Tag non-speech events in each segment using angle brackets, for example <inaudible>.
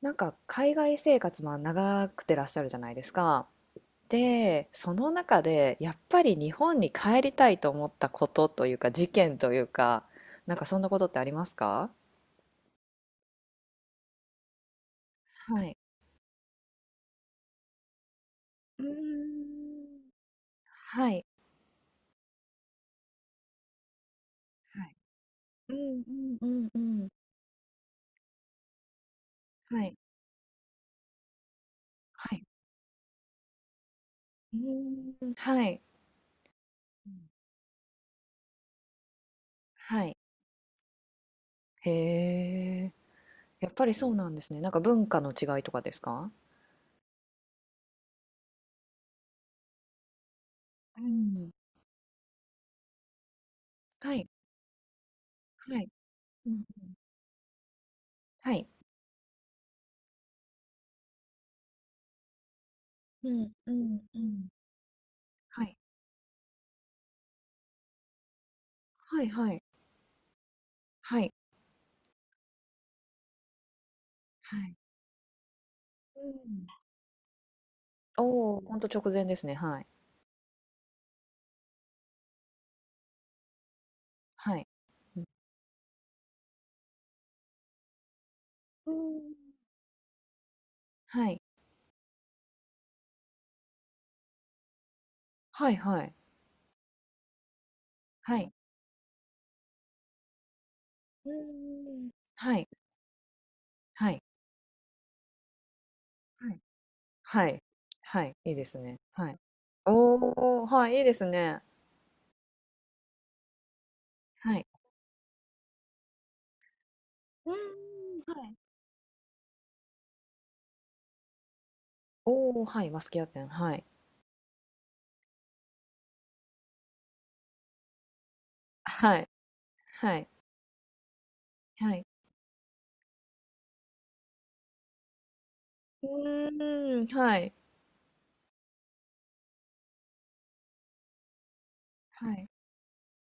なんか海外生活も長くてらっしゃるじゃないですか。で、その中でやっぱり日本に帰りたいと思ったことというか事件というか、なんかそんなことってありますか？はい。うーん。はい。はい。うんうんうんうん。はい。はい。うーん。はい。うん。はい。へえ。やっぱりそうなんですね。なんか文化の違いとかですか？うん。はい。はい。うんうん。はい。うんうんうん。はい。はいはい。はい。はい。うん。おお、ほんと直前ですね。はい。はい。うん。うーん。はい。はいはい。はい。うーん。はい。はい。はい。はい。はい。いいですね。はい。おお、はい、いいですね。はい。うーん。はい。おお、はい、バスキア展、はい。はい。はい。はい。うーん、はい。はい。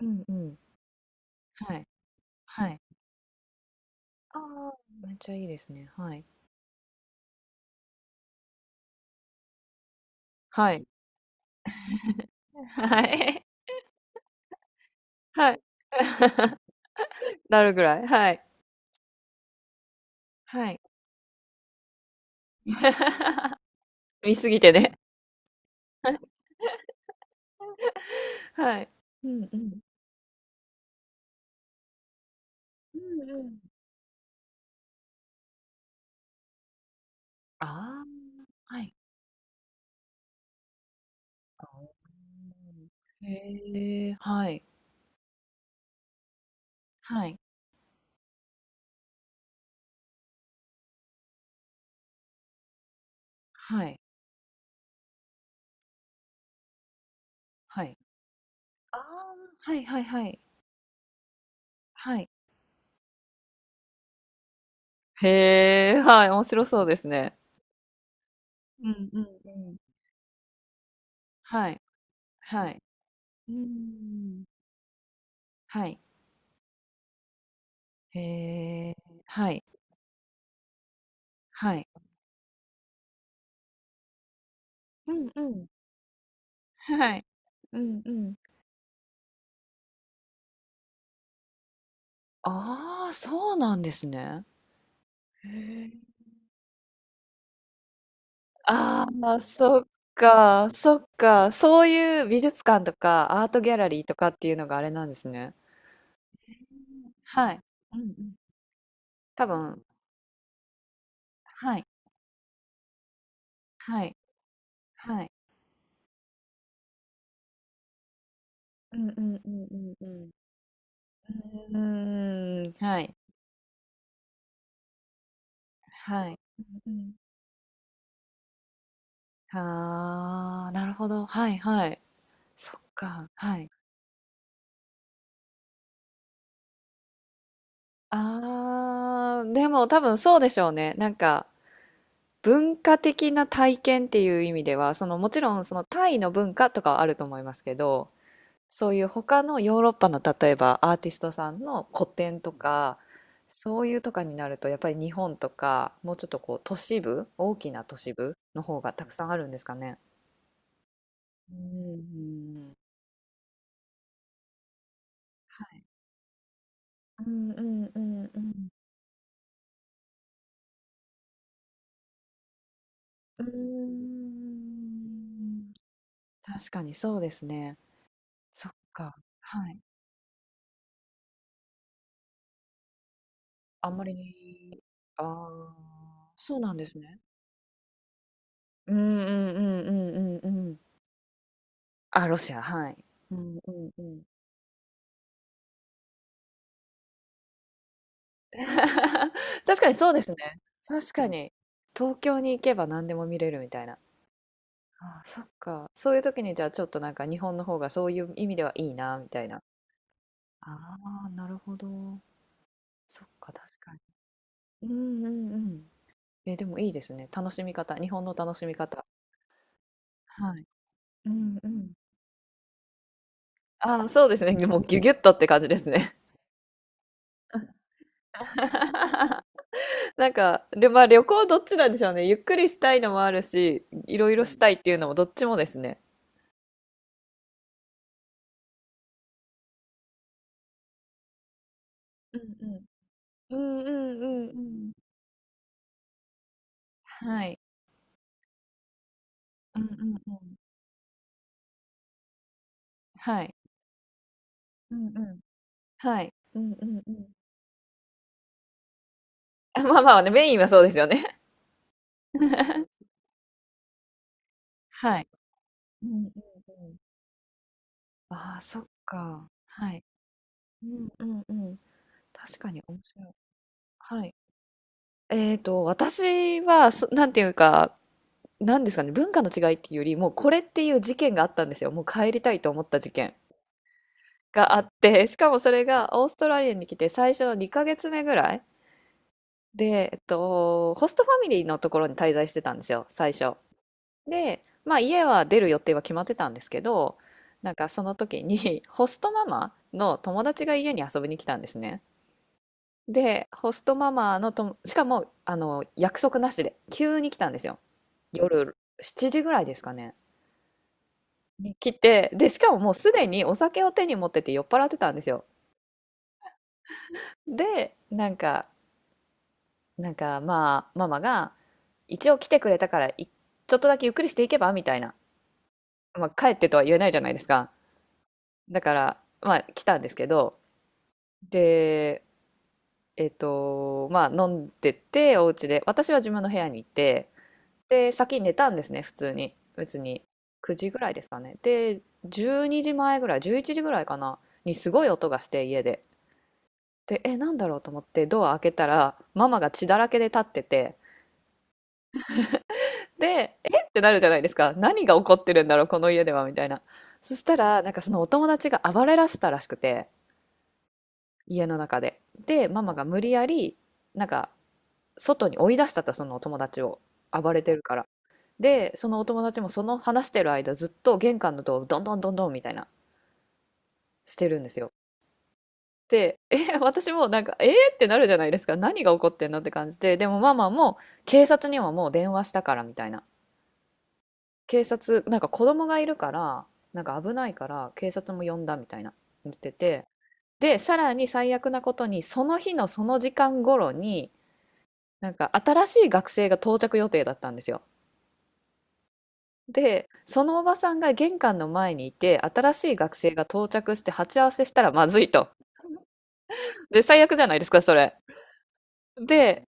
うんうん。はい。はい。ああ、めっちゃいいですね。はい。はい。はい。<laughs> はい。<laughs> なるぐらい、はい。はい。<laughs> 見すぎてね。<laughs> はい。うんうん。うんうん。ああ、はい。あーへえ、はい。はい。はい。はい。ああ、はいはいはい。はい。へえ、はい、面白そうですね。うんうんうん。はい。はい。うん。はい。へえ、はい。はい。うんうん。はい。うんうん。ああ、そうなんですね。へえ。ああ、そっか、そっか。そういう美術館とかアートギャラリーとかっていうのがあれなんですね。はい。うんうん。多分、はい、はい、はい。うんうんうんうんうん。うーん、はい、はい。うんうん。ああ、なるほど。はいはい。そっか、はい。ああ、でも多分そうでしょうね。なんか文化的な体験っていう意味では、そのもちろんそのタイの文化とかはあると思いますけど、そういう他のヨーロッパの例えばアーティストさんの古典とか、そういうとかになるとやっぱり日本とかもうちょっとこう都市部、大きな都市部の方がたくさんあるんですかね？うん。はい。うんうんうんうん。うーん。確かにそうですね。そっか。はい。あんまり、ああ、そうなんですね。うんうんうんうんうんうん。あ、ロシア、はい。うんうんうん。<laughs> 確かにそうですね。確かに。東京に行けば何でも見れるみたいな。ああ、そっか。そういう時にじゃあちょっとなんか日本の方がそういう意味ではいいな、みたいな。ああ、なるほど。そっか、確かに。うんうんうん。え、でもいいですね。楽しみ方。日本の楽しみ方。はい。うんうん。ああ、そうですね。もうギュギュッとって感じですね。<laughs> なんか、で、まあ旅行どっちなんでしょうね。ゆっくりしたいのもあるし、いろいろしたいっていうのもどっちもですね。うんうんうんうんうんうん。はい。うんうんうん。はい。うんうん。はい。うんうんうん。あ、 <laughs> まあまあね、メインはそうですよね。<laughs> はい。うんうんうん。ああ、そっか、はい。うんうんうん。確かに面白い。はい。私はなんていうか、なんですかね、文化の違いっていうより、もうこれっていう事件があったんですよ。もう帰りたいと思った事件があって、<laughs> しかもそれがオーストラリアに来て最初の2ヶ月目ぐらいで、ホストファミリーのところに滞在してたんですよ、最初。で、まあ家は出る予定は決まってたんですけど、なんかその時に <laughs> ホストママの友達が家に遊びに来たんですね。で、ホストママのとも、しかも、約束なしで、急に来たんですよ。夜7時ぐらいですかね。に来て、で、しかももうすでにお酒を手に持ってて酔っ払ってたんですよ。で、なんか、まあ、ママが、一応来てくれたから、ょっとだけゆっくりしていけばみたいな。まあ、帰ってとは言えないじゃないですか。だから、まあ、来たんですけど、で、まあ、飲んでて、お家で、私は自分の部屋に行って、で、先に寝たんですね、普通に。別に、9時ぐらいですかね。で、12時前ぐらい、11時ぐらいかな、にすごい音がして、家で。で、え、なんだろうと思ってドア開けたら、ママが血だらけで立ってて、で、えってなるじゃないですか。何が起こってるんだろう、この家では、みたいな。そしたら、なんかそのお友達が暴れらしたらしくて、家の中で。で、ママが無理やり、なんか、外に追い出したと、そのお友達を。暴れてるから。で、そのお友達もその話してる間、ずっと玄関のドアをどんどんどんどんみたいな、してるんですよ。で、え、私もなんか、えーってなるじゃないですか。何が起こってんのって感じで。でもママも警察にはもう電話したからみたいな。警察、なんか子供がいるから、なんか危ないから警察も呼んだみたいな言ってて。で、さらに最悪なことに、その日のその時間頃に、なんか新しい学生が到着予定だったんですよ。で、そのおばさんが玄関の前にいて、新しい学生が到着して鉢合わせしたらまずいと。で、最悪じゃないですか、それ。で、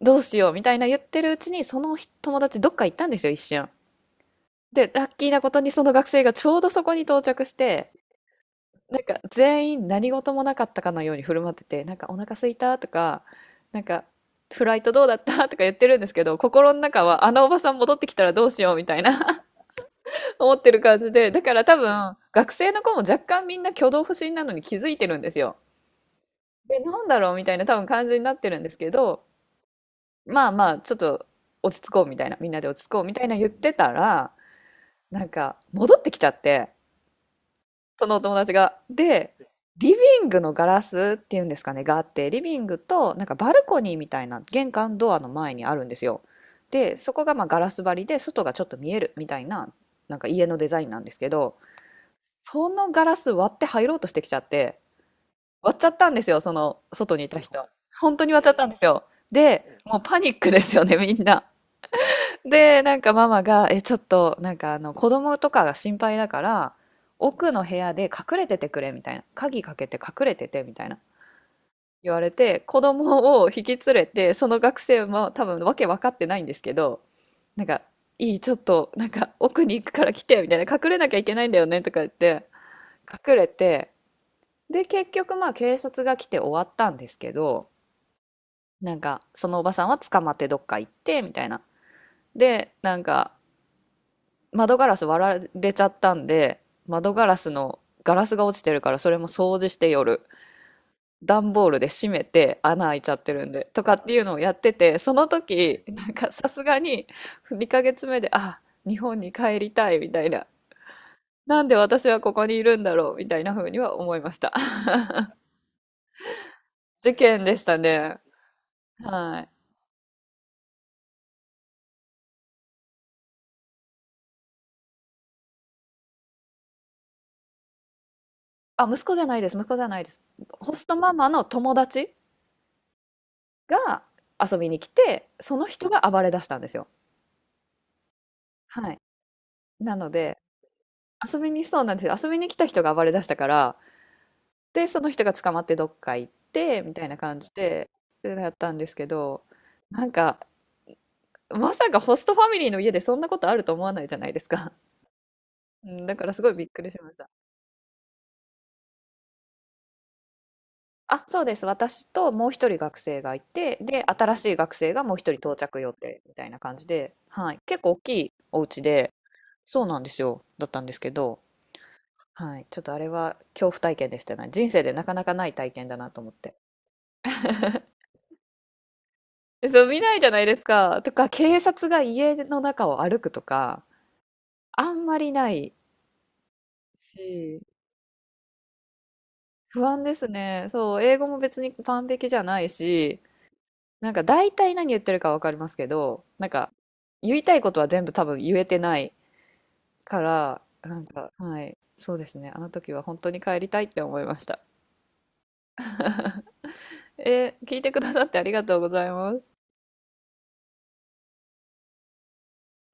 どうしようみたいな言ってるうちに、その友達どっか行ったんですよ、一瞬。で、ラッキーなことにその学生がちょうどそこに到着して、なんか全員何事もなかったかのように振る舞ってて、なんかお腹空いたとか、なんかフライトどうだったとか言ってるんですけど、心の中はあのおばさん戻ってきたらどうしようみたいな <laughs> 思ってる感じで、だから多分学生の子も若干みんな挙動不審なのに気づいてるんですよ。で、なんだろうみたいな多分感じになってるんですけど、まあまあ、ちょっと落ち着こうみたいな、みんなで落ち着こうみたいな言ってたら、なんか戻ってきちゃって、そのお友達が。で、リビングのガラスっていうんですかね、があって、リビングとなんかバルコニーみたいな玄関ドアの前にあるんですよ。で、そこがまあガラス張りで、外がちょっと見えるみたいな、なんか家のデザインなんですけど、そのガラス割って入ろうとしてきちゃって、割っちゃったんですよ、その外にいた人。本当に割っちゃったんですよ。で、もうパニックですよね、みんな。で、なんかママが、え、ちょっと、なんか、子供とかが心配だから、奥の部屋で隠れててくれ、みたいな。鍵かけて隠れてて、みたいな。言われて、子供を引き連れて、その学生も多分わけ分かってないんですけど、なんか、いい、ちょっと、なんか、奥に行くから来て、みたいな。隠れなきゃいけないんだよね、とか言って、隠れて、で、結局、まあ、警察が来て終わったんですけど、なんか、そのおばさんは捕まってどっか行って、みたいな。で、なんか、窓ガラス割られちゃったんで、窓ガラスのガラスが落ちてるからそれも掃除して夜、段ボールで閉めて穴開いちゃってるんで、とかっていうのをやってて、その時、なんかさすがに2ヶ月目で、あ、日本に帰りたいみたいな。なんで私はここにいるんだろうみたいな風には思いました。<laughs> 事件でしたね。はい。あ、息子じゃないです。息子じゃないです。ホストママの友達が遊びに来て、その人が暴れ出したんですよ。はい。なので、遊びに、そうなんですよ。遊びに来た人が暴れ出したから、で、その人が捕まってどっか行って、みたいな感じで、でやったんですけど、なんか、まさかホストファミリーの家でそんなことあると思わないじゃないですか。うん、だからすごいびっくりしました。あ、そうです。私ともう一人学生がいて、で、新しい学生がもう一人到着予定みたいな感じで、はい。結構大きいお家で、そうなんですよ。だったんですけど、はい。ちょっとあれは恐怖体験でしたね。人生でなかなかない体験だなと思って。そう、見ないじゃないですか。とか、警察が家の中を歩くとか、あんまりないし、不安ですね。そう、英語も別に完璧じゃないし、なんか大体何言ってるかわかりますけど、なんか言いたいことは全部多分言えてないから、なんか、はい、そうですね。あの時は本当に帰りたいって思いました。えー聞いてくださってありがとうございます。